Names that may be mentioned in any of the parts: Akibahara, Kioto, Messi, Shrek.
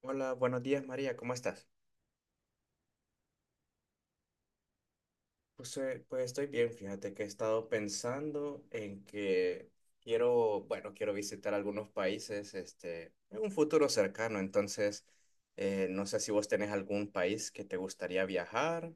Hola, buenos días María, ¿cómo estás? Pues estoy bien, fíjate que he estado pensando en que quiero visitar algunos países, este, en un futuro cercano, entonces no sé si vos tenés algún país que te gustaría viajar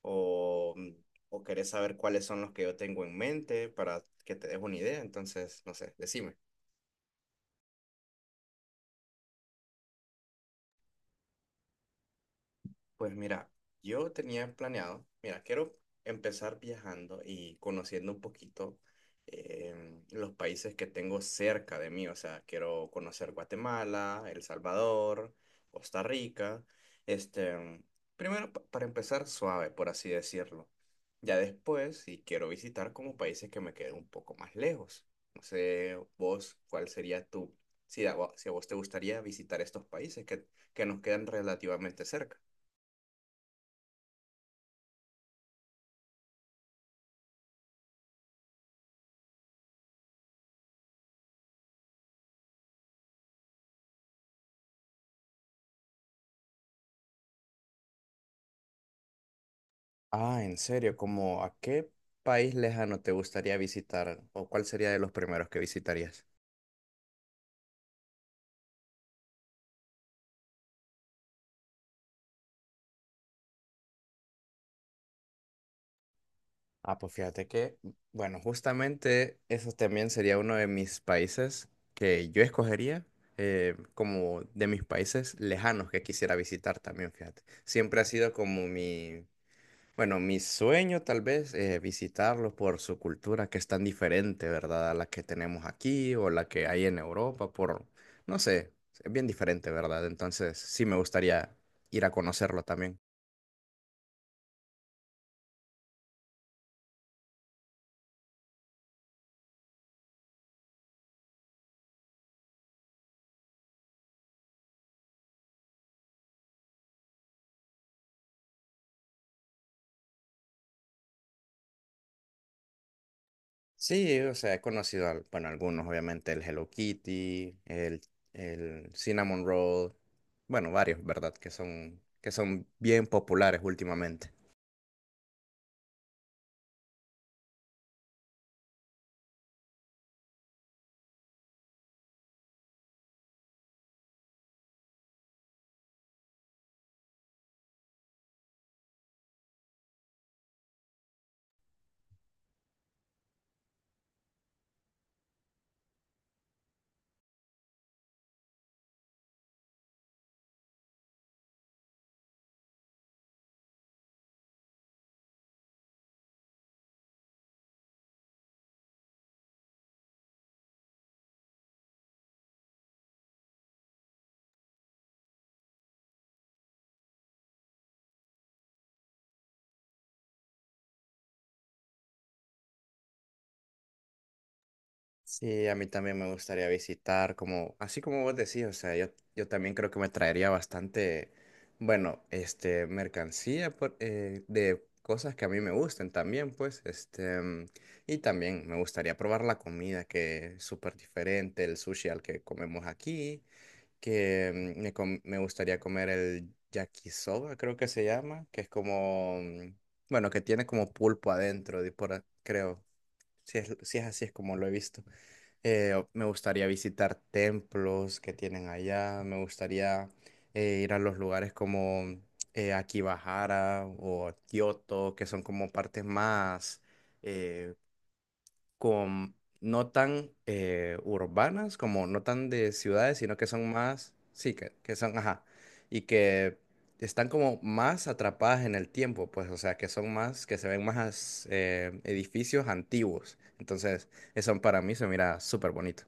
o, o querés saber cuáles son los que yo tengo en mente para que te des una idea, entonces, no sé, decime. Pues mira, quiero empezar viajando y conociendo un poquito los países que tengo cerca de mí, o sea, quiero conocer Guatemala, El Salvador, Costa Rica, este, primero para empezar suave, por así decirlo. Ya después, si quiero visitar como países que me queden un poco más lejos. No sé, vos, ¿cuál sería tu, si a, vo- ¿si a vos te gustaría visitar estos países que nos quedan relativamente cerca? Ah, en serio, ¿cómo a qué país lejano te gustaría visitar o cuál sería de los primeros que visitarías? Ah, pues fíjate que, bueno, justamente eso también sería uno de mis países que yo escogería, como de mis países lejanos que quisiera visitar también, fíjate. Siempre ha sido como mi, Bueno, Mi sueño tal vez es visitarlos por su cultura que es tan diferente, ¿verdad? A la que tenemos aquí o la que hay en Europa, por, no sé, es bien diferente, ¿verdad? Entonces sí me gustaría ir a conocerlo también. Sí, o sea, bueno, algunos, obviamente, el Hello Kitty, el Cinnamon Roll, bueno, varios, ¿verdad? Que son bien populares últimamente. Sí, a mí también me gustaría visitar, como, así como vos decís, o sea, yo también creo que me traería bastante, bueno, este, de cosas que a mí me gusten también, pues. Y también me gustaría probar la comida que es súper diferente, el sushi al que comemos aquí, que mm, me, com- me gustaría comer el yakisoba, creo que se llama, que es que tiene como pulpo adentro, creo, si es así es como lo he visto. Me gustaría visitar templos que tienen allá, me gustaría ir a los lugares como, Akibahara o Kioto, que son como partes más, eh, con- no tan urbanas, como no tan de ciudades, sino que son más, sí, que son, ajá, y que están como más atrapadas en el tiempo, pues, o sea, que son más, que se ven más edificios antiguos. Entonces, eso para mí se mira súper bonito.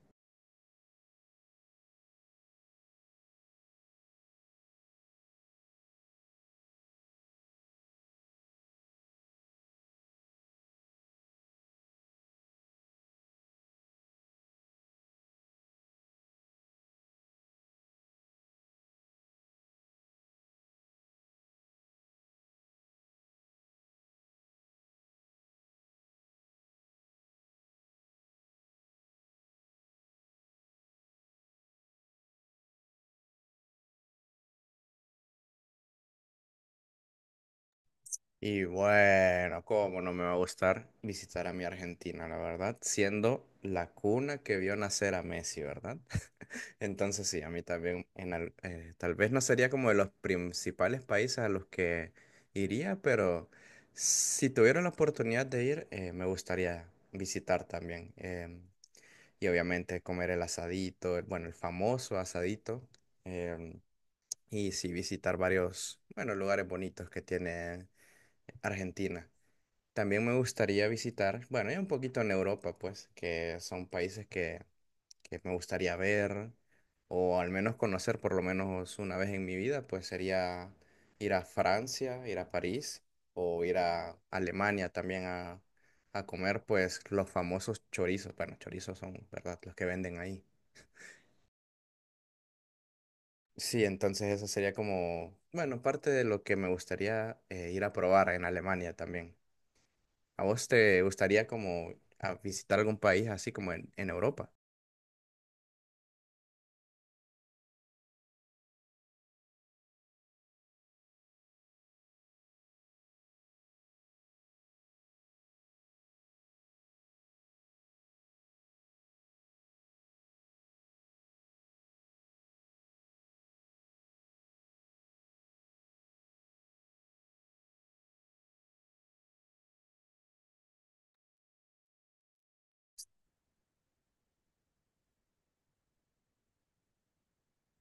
Y bueno, ¿cómo no me va a gustar visitar a mi Argentina, la verdad? Siendo la cuna que vio nacer a Messi, ¿verdad? Entonces sí, a mí también, tal vez no sería como de los principales países a los que iría, pero si tuviera la oportunidad de ir, me gustaría visitar también. Y obviamente comer el asadito, bueno, el famoso asadito. em, y sí, visitar varios, bueno, lugares bonitos que tiene Argentina. También me gustaría visitar, bueno, y un poquito en Europa, pues, que son países que me gustaría ver o al menos conocer por lo menos una vez en mi vida, pues sería ir a Francia, ir a París o ir a Alemania también a comer, pues, los famosos chorizos. Bueno, chorizos son, ¿verdad?, los que venden ahí. Sí, entonces eso sería como, bueno, parte de lo que me gustaría, ir a probar en Alemania también. ¿A vos te gustaría como a visitar algún país así como en Europa?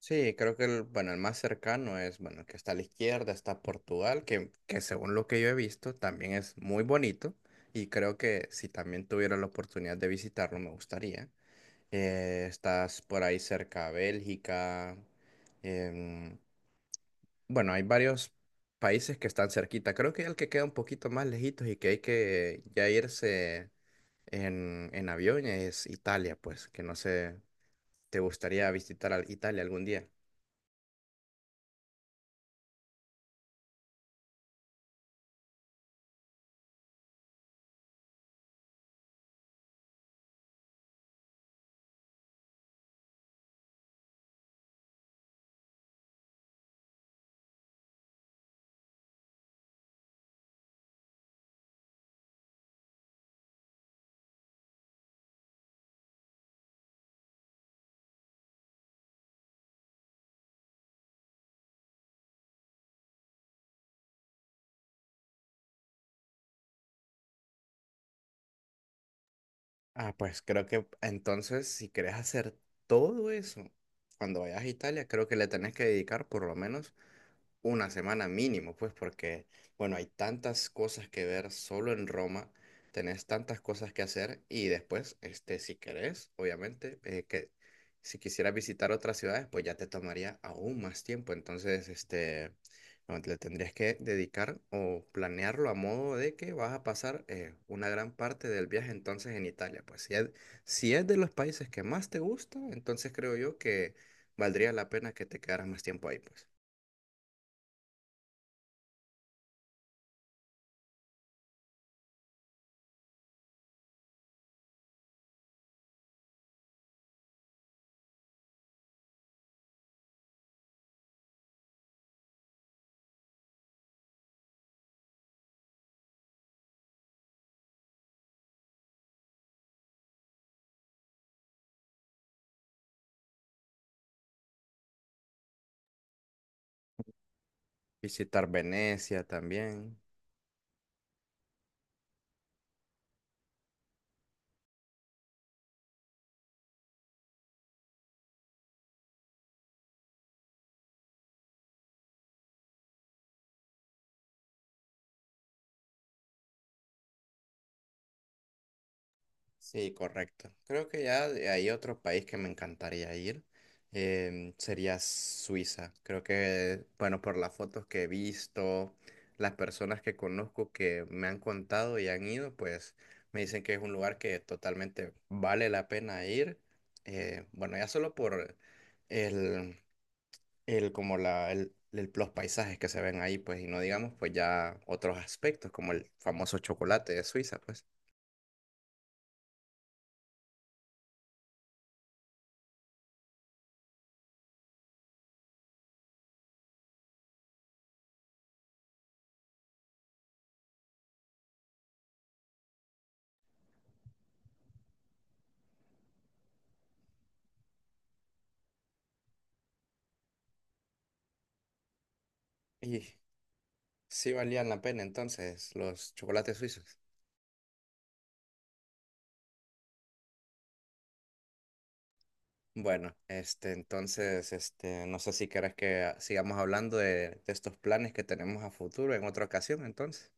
Sí, creo que bueno, el más cercano es, bueno, el que está a la izquierda, está Portugal, que según lo que yo he visto también es muy bonito y creo que si también tuviera la oportunidad de visitarlo me gustaría. Estás por ahí cerca Bélgica. em, bueno, hay varios países que están cerquita. Creo que el que queda un poquito más lejitos y que hay que ya irse en avión es Italia, pues, que no sé, ¿te gustaría visitar Italia algún día? Ah, pues creo que entonces si querés hacer todo eso cuando vayas a Italia, creo que le tenés que dedicar por lo menos una semana mínimo, pues porque, bueno, hay tantas cosas que ver solo en Roma, tenés tantas cosas que hacer y después, este, si querés, obviamente, que si quisieras visitar otras ciudades, pues ya te tomaría aún más tiempo. Entonces, este, no, le tendrías que dedicar o planearlo a modo de que vas a pasar, una gran parte del viaje entonces en Italia. Pues si es de los países que más te gusta, entonces creo yo que valdría la pena que te quedaras más tiempo ahí, pues. Visitar Venecia también. Sí, correcto. Creo que ya hay otro país que me encantaría ir. Sería Suiza. Creo que, bueno, por las fotos que he visto, las personas que conozco que me han contado y han ido, pues me dicen que es un lugar que totalmente vale la pena ir. Bueno, ya solo por el, el como la, el- los paisajes que se ven ahí, pues, y no digamos, pues ya otros aspectos, como el famoso chocolate de Suiza, pues. Y sí valían la pena entonces los chocolates suizos. Bueno, este, entonces, este, no sé si querés que sigamos hablando de estos planes que tenemos a futuro en otra ocasión, entonces.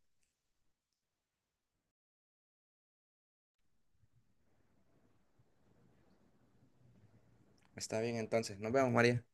Está bien, entonces. Nos vemos, María.